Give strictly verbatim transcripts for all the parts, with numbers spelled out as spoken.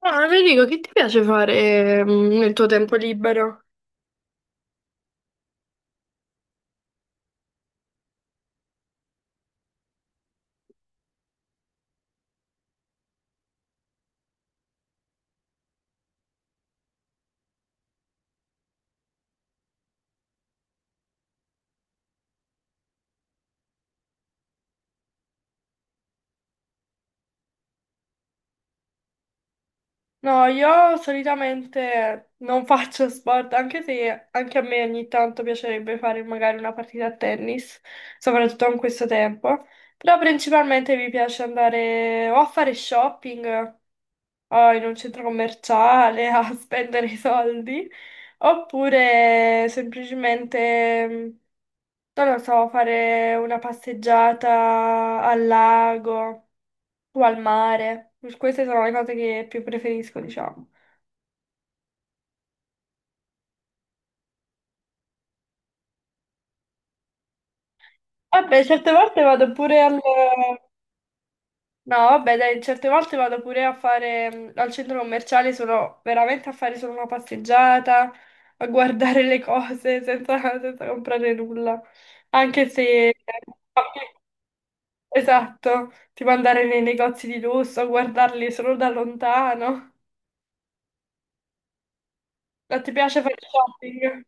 Ah, Federico, che ti piace fare mm, nel tuo tempo libero? No, io solitamente non faccio sport, anche se anche a me ogni tanto piacerebbe fare magari una partita a tennis, soprattutto in questo tempo. Però principalmente mi piace andare o a fare shopping o in un centro commerciale a spendere i soldi, oppure semplicemente, mm, non lo so, fare una passeggiata al lago o al mare. Queste sono le cose che più preferisco, diciamo. Vabbè, certe volte vado pure al... No, vabbè, dai, certe volte vado pure a fare mm, al centro commerciale, sono veramente a fare solo una passeggiata, a guardare le cose senza, senza comprare nulla. Anche se... Esatto, tipo andare nei negozi di lusso, guardarli solo da lontano. Ma ti piace fare shopping?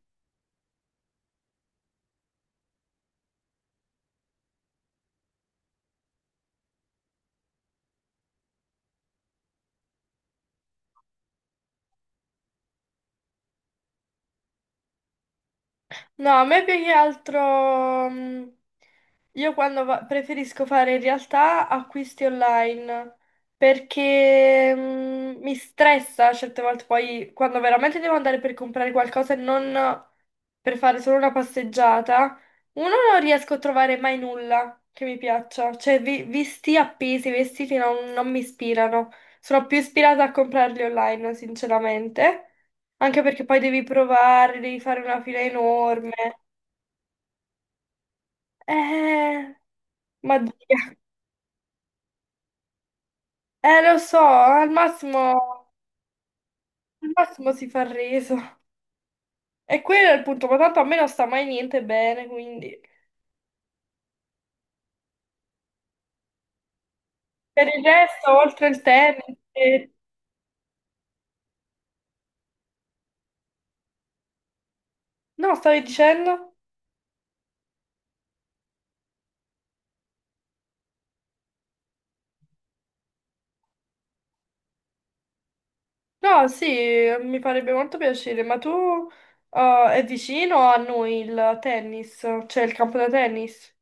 No, a me più che altro, mm, io quando va- preferisco fare in realtà acquisti online perché mm, mi stressa certe volte poi quando veramente devo andare per comprare qualcosa e non per fare solo una passeggiata, uno non riesco a trovare mai nulla che mi piaccia, cioè vi- visti appesi, vestiti non, non mi ispirano, sono più ispirata a comprarli online, sinceramente, anche perché poi devi provare, devi fare una fila enorme. Eh, ma Dio. Eh, lo so, al massimo, al massimo si fa il reso. E quello è il punto, ma tanto a me non sta mai niente bene, quindi... Per il resto, oltre il tennis... e- No, stavi dicendo? No, sì, mi farebbe molto piacere, ma tu eh, è vicino a noi il tennis, cioè il campo da tennis?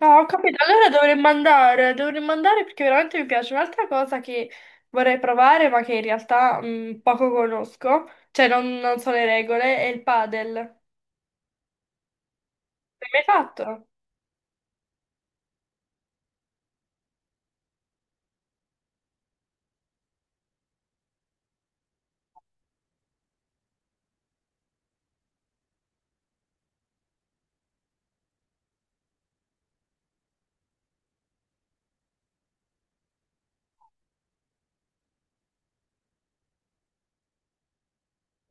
No, ho capito, allora dovremmo andare, dovremmo andare perché veramente mi piace. Un'altra cosa che vorrei provare, ma che in realtà mh, poco conosco, cioè non, non so le regole, è il padel. L'hai mai fatto?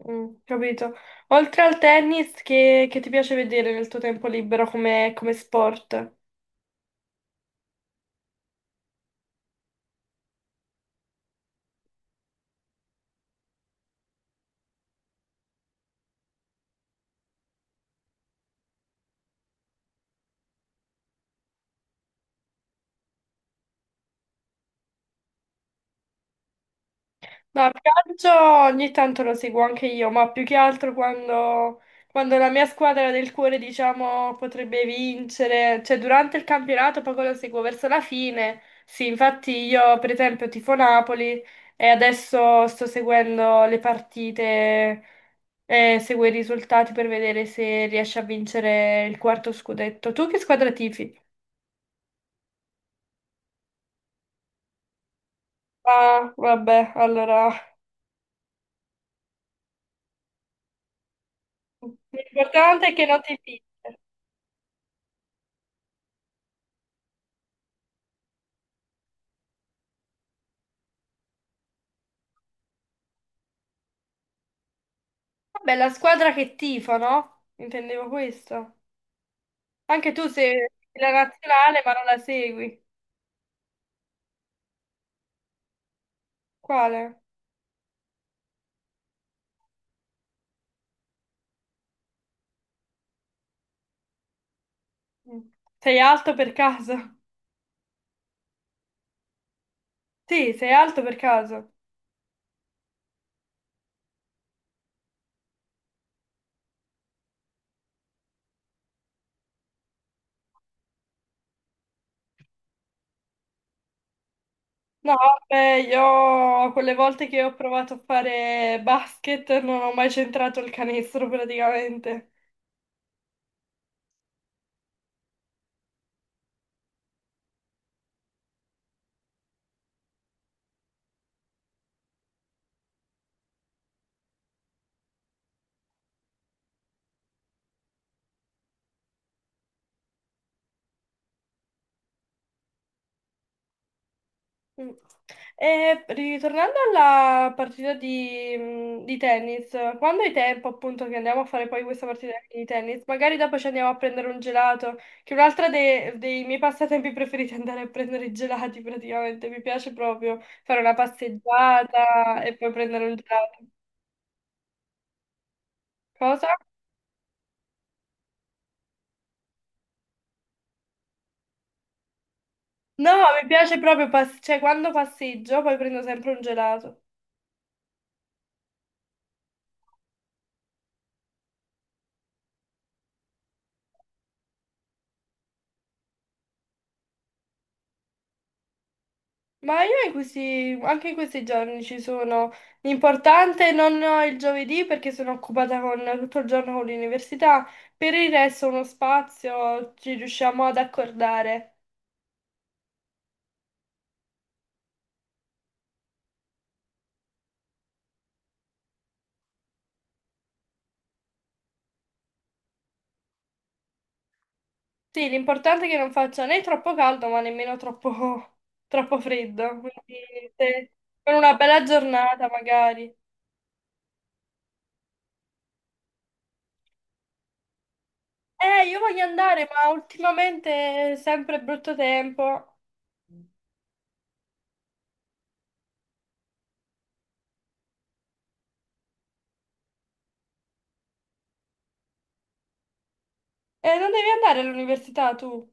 Mm, capito. Oltre al tennis, che, che ti piace vedere nel tuo tempo libero come, come sport? No, il calcio ogni tanto lo seguo anche io, ma più che altro quando, quando la mia squadra del cuore, diciamo, potrebbe vincere, cioè durante il campionato poco lo seguo verso la fine. Sì, infatti io per esempio tifo Napoli e adesso sto seguendo le partite e seguo i risultati per vedere se riesce a vincere il quarto scudetto. Tu che squadra tifi? Ah, vabbè, allora l'importante è che non ti tifi. Vabbè, la squadra che tifo, no? Intendevo questo. Anche tu sei la nazionale, ma non la segui. Quale? Mm. Sei alto per caso? Sì, sei alto per caso. No, vabbè, io quelle volte che ho provato a fare basket non ho mai centrato il canestro praticamente. Mm. E ritornando alla partita di, mm, di tennis, quando hai tempo appunto che andiamo a fare poi questa partita di tennis, magari dopo ci andiamo a prendere un gelato, che è un'altra de- dei miei passatempi preferiti è andare a prendere i gelati praticamente, mi piace proprio fare una passeggiata e poi prendere un gelato. Cosa? No, mi piace proprio, pass- cioè quando passeggio poi prendo sempre un gelato. Ma io in questi, anche in questi giorni ci sono. L'importante non ho il giovedì perché sono occupata con, tutto il giorno con l'università, per il resto uno spazio ci riusciamo ad accordare. Sì, l'importante è che non faccia né troppo caldo ma nemmeno troppo, troppo freddo, quindi se- con una bella giornata magari. Eh, io voglio andare, ma ultimamente è sempre brutto tempo. Eh, non devi andare all'università tu?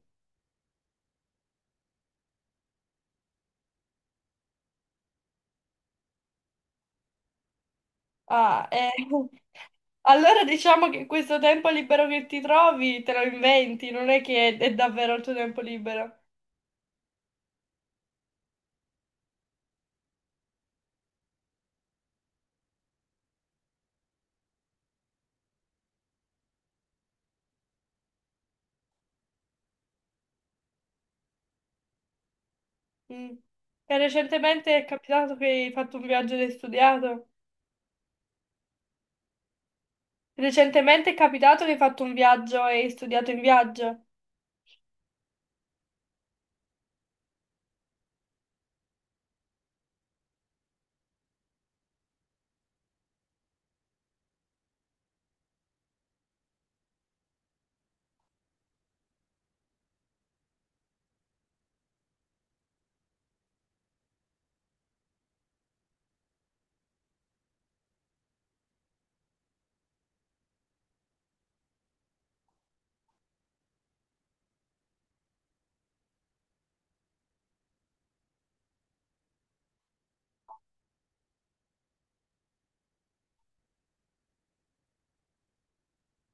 Ah, eh. Allora diciamo che questo tempo libero che ti trovi te lo inventi, non è che è, è davvero il tuo tempo libero. Mm. E recentemente è capitato che hai fatto un viaggio ed hai studiato? Recentemente è capitato che hai fatto un viaggio e hai studiato in viaggio?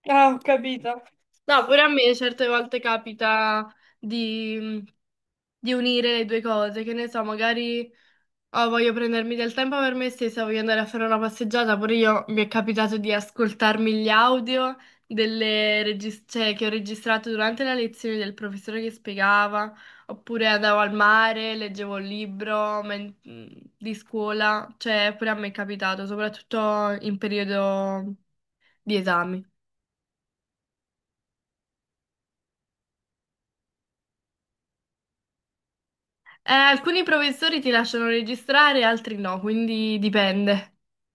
Ah, ho capito. No, pure a me certe volte capita di, di unire le due cose, che ne so, magari oh, voglio prendermi del tempo per me stessa, voglio andare a fare una passeggiata, pure io mi è capitato di ascoltarmi gli audio delle regis- cioè, che ho registrato durante la lezione del professore che spiegava, oppure andavo al mare, leggevo un libro men- di scuola, cioè pure a me è capitato, soprattutto in periodo di esami. Eh, alcuni professori ti lasciano registrare, altri no, quindi dipende.